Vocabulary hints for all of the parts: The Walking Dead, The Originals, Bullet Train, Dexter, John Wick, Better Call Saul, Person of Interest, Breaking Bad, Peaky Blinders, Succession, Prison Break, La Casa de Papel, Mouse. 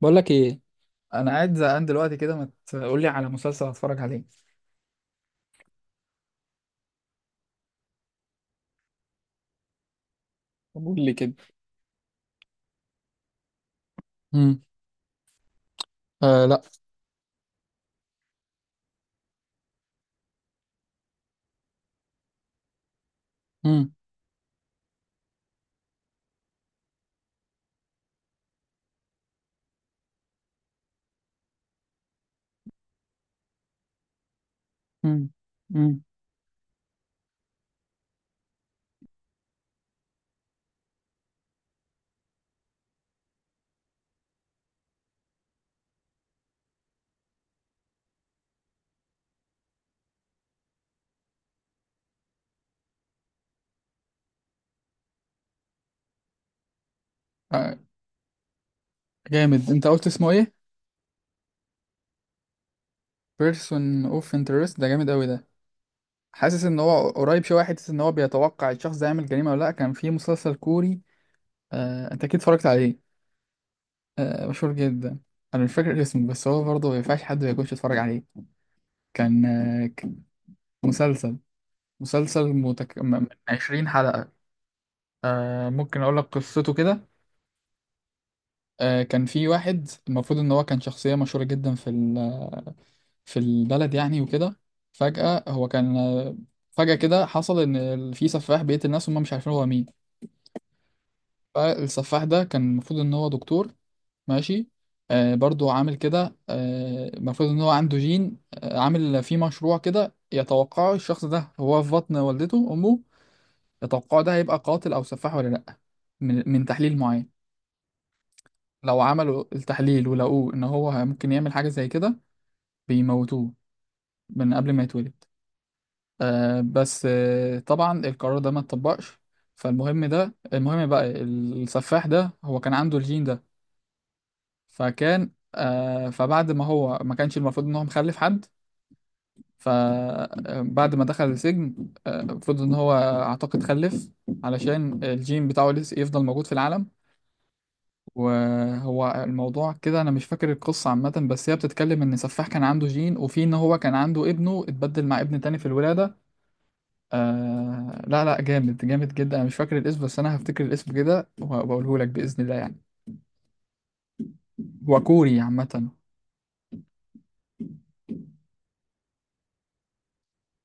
بقول لك ايه؟ انا قاعد زهقان دلوقتي كده، ما تقول لي على مسلسل اتفرج عليه. طب قول لي كده. امم. آه لا. امم. امم. امم. آه. جامد. انت قلت اسمه ايه؟ بيرسون اوف انترست ده جامد قوي ده. حاسس ان هو قريب شويه، حته ان هو بيتوقع الشخص ده يعمل جريمه ولا لا. كان في مسلسل كوري. آه، انت اكيد اتفرجت عليه. آه، مشهور جدا. انا مش فاكر اسمه، بس هو برضه ما ينفعش حد ما يكونش اتفرج عليه. كان مسلسل مسلسل من 20 حلقه. آه، ممكن اقول لك قصته كده. آه، كان في واحد المفروض ان هو كان شخصية مشهورة جدا في البلد يعني وكده. فجأة هو كان فجأة كده حصل في سفاح بيقتل الناس وهم مش عارفين هو مين. فالسفاح ده كان المفروض ان هو دكتور. ماشي. آه، برضو عامل كده، المفروض ان هو عنده جين، عامل فيه مشروع كده يتوقعه الشخص ده هو في بطن والدته امه. يتوقعه ده هيبقى قاتل او سفاح ولا لا، من تحليل معين. لو عملوا التحليل ولقوه ان هو ممكن يعمل حاجة زي كده بيموتوه من قبل ما يتولد. بس طبعا القرار ده ما اتطبقش. فالمهم، ده المهم بقى، السفاح ده هو كان عنده الجين ده. فكان آه فبعد ما هو ما كانش المفروض ان هو مخلف حد. فبعد ما دخل السجن، المفروض ان هو اعتقد خلف علشان الجين بتاعه لسه يفضل موجود في العالم. وهو الموضوع كده، انا مش فاكر القصة عامة، بس هي بتتكلم ان سفاح كان عنده جين وفي ان هو كان عنده ابنه اتبدل مع ابن تاني في الولادة. آه لا لا، جامد جامد جدا. انا مش فاكر الاسم بس انا هفتكر الاسم كده وبقوله لك باذن الله يعني. هو كوري عامه.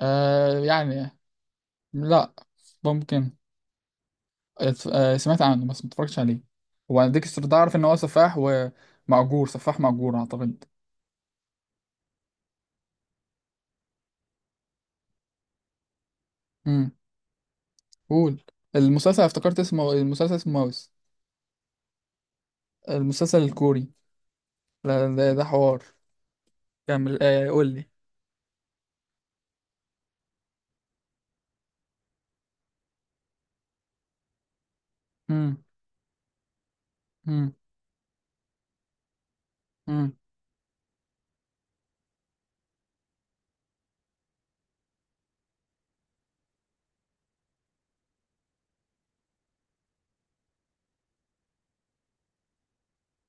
آه يعني. لا. ممكن سمعت عنه بس ما اتفرجتش عليه. هو ديكستر ده اعرف ان هو سفاح. ومأجور، سفاح مأجور اعتقد. امم. قول. المسلسل افتكرت اسمه، المسلسل اسمه ماوس. المسلسل الكوري. لا، ده حوار. كمل. قول لي. امم. امم. امم.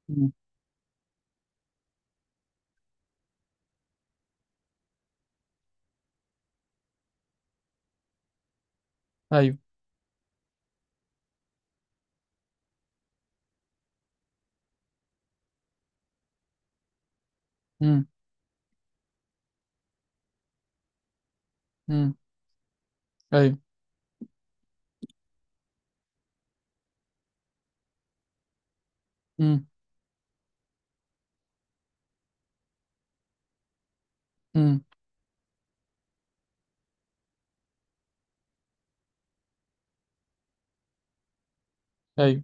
أمم. ايوه. امم. امم. ايوه. امم. امم. ايوه.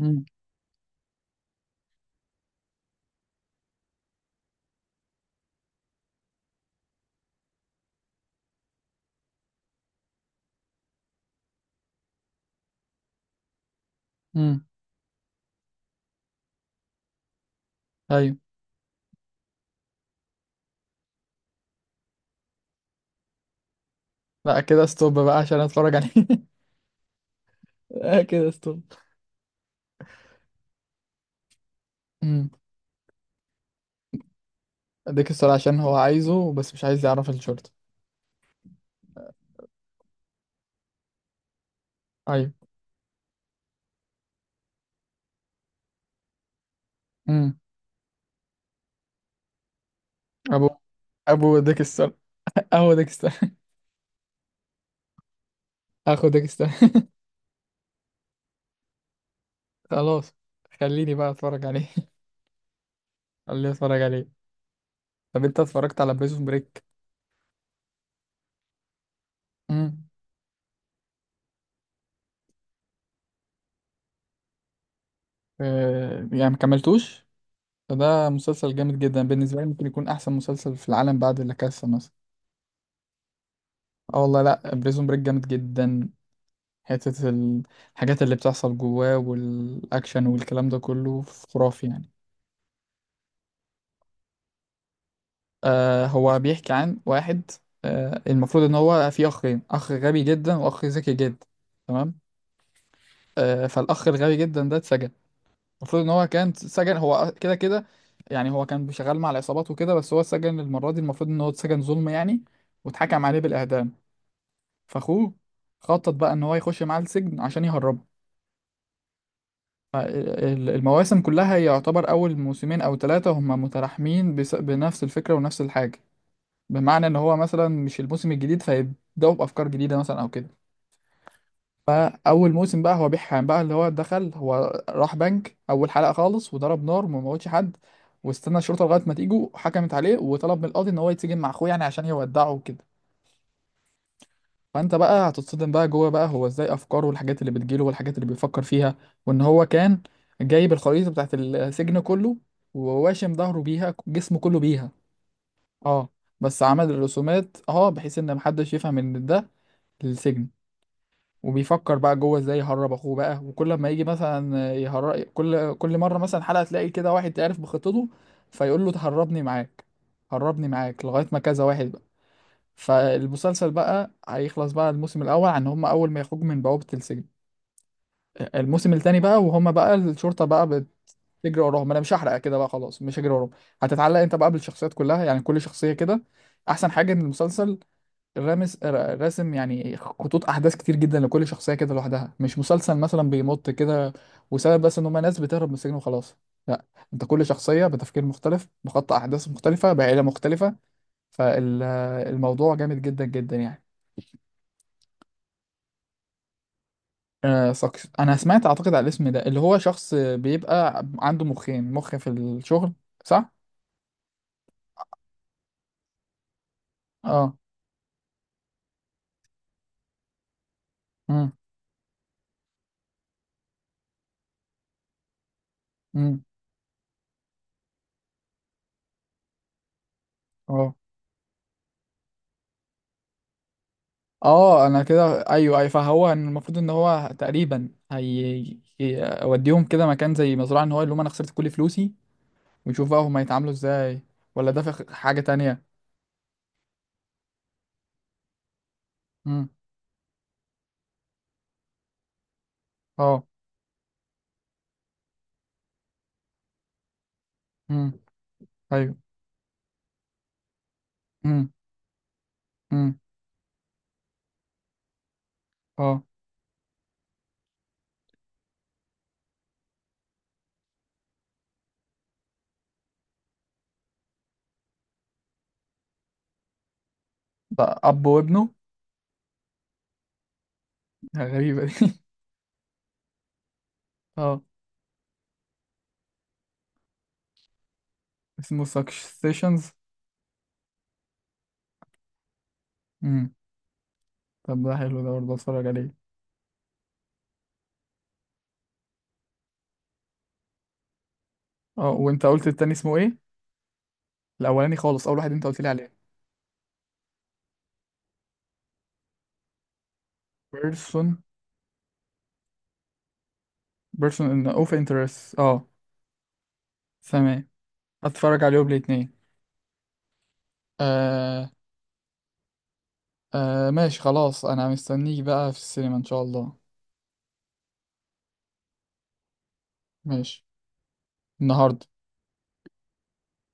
امم. امم. ايوه. لا كده ستوب بقى عشان اتفرج عليه. آه، كده ستوب. امم. اديك السؤال عشان هو عايزه، بس مش عايز يعرف الشورت. ايوه. امم. ابو. ابو ديكستر. اهو ديكستر. اخو ديكستر. خلاص. خليني بقى اتفرج عليه. خليني اتفرج عليه. طب انت اتفرجت على بريزون بريك؟ امم. آه يعني، ما كملتوش. فده مسلسل جامد جدا بالنسبه لي، ممكن يكون احسن مسلسل في العالم بعد لا كاسا مثلا. اه والله، لا بريزون بريك جامد جدا. حتة ال- الحاجات اللي بتحصل جواه والأكشن والكلام ده كله خرافي يعني. آه، هو بيحكي عن واحد. آه، المفروض إن هو فيه أخين، أخ غبي جدا وأخ ذكي جدا. تمام. آه، فالأخ الغبي جدا ده اتسجن. المفروض إن هو كان اتسجن هو كده كده. يعني هو كان شغال مع العصابات وكده، بس هو اتسجن المرة دي المفروض إن هو اتسجن ظلم يعني، واتحكم عليه بالإعدام. فأخوه خطط بقى إن هو يخش معاه السجن عشان يهربه. المواسم كلها يعتبر أول موسمين أو ثلاثة هما متلاحمين، بنفس الفكرة ونفس الحاجة. بمعنى إن هو مثلا مش الموسم الجديد فيبدأوا بأفكار جديدة مثلا أو كده. فأول موسم بقى هو بيحام بقى، اللي هو دخل هو راح بنك أول حلقة خالص وضرب نار وما موتش حد. واستنى الشرطة لغاية ما تيجوا حكمت عليه، وطلب من القاضي إن هو يتسجن مع أخوه يعني عشان يودعه وكده. فانت بقى هتتصدم بقى جوه بقى، هو ازاي افكاره والحاجات اللي بتجيله والحاجات اللي بيفكر فيها. وان هو كان جايب الخريطه بتاعت السجن كله، وواشم ظهره بيها، جسمه كله بيها. اه، بس عمل الرسومات اه بحيث ان محدش يفهم ان ده للسجن. وبيفكر بقى جوه ازاي يهرب اخوه بقى، وكل ما يجي مثلا يهرب كل مره مثلا حلقه تلاقي كده واحد تعرف بخطته فيقول له تهربني معاك، هربني معاك، لغايه ما كذا واحد. فالمسلسل بقى هيخلص بقى الموسم الأول عن هم أول ما يخرجوا من بوابة السجن. الموسم التاني بقى وهم بقى الشرطة بقى بتجري وراهم. أنا مش هحرق كده بقى، خلاص مش هجري وراهم. هتتعلق أنت بقى بالشخصيات كلها، يعني كل شخصية كده. أحسن حاجة إن المسلسل راسم يعني خطوط أحداث كتير جدا لكل شخصية كده لوحدها. مش مسلسل مثلا بيمط كده، وسبب بس إن هم ناس بتهرب من السجن وخلاص. لا. أنت كل شخصية بتفكير مختلف، بخط أحداث مختلفة، بعيلة مختلفة. فالموضوع جامد جدا جدا يعني. آه ساكس، انا سمعت اعتقد على الاسم ده، اللي هو شخص بيبقى عنده مخ في الشغل. صح. اه. امم. امم. اه. اه انا كده، ايوه ايوه، فهو إن المفروض ان هو تقريبا هيوديهم كده مكان زي مزرعه ان هو اللي هم انا خسرت كل فلوسي، ويشوف بقى هم هيتعاملوا ازاي. ولا ده حاجه تانية. امم. اه. امم. ايوه. امم. امم. اه. ده اب وابنه؟ غريبه دي. اه. اسمه سكسيشنز؟ امم. طب ده حلو، ده برضه اتفرج عليه. اه، وانت قلت التاني اسمه ايه؟ الاولاني خالص، اول واحد انت قلت لي عليه. person. person in of interest، اه. تمام. هتفرج عليه يوم الاثنين. آه. آه ماشي خلاص، انا مستنيك بقى في السينما ان شاء الله. ماشي. النهارده.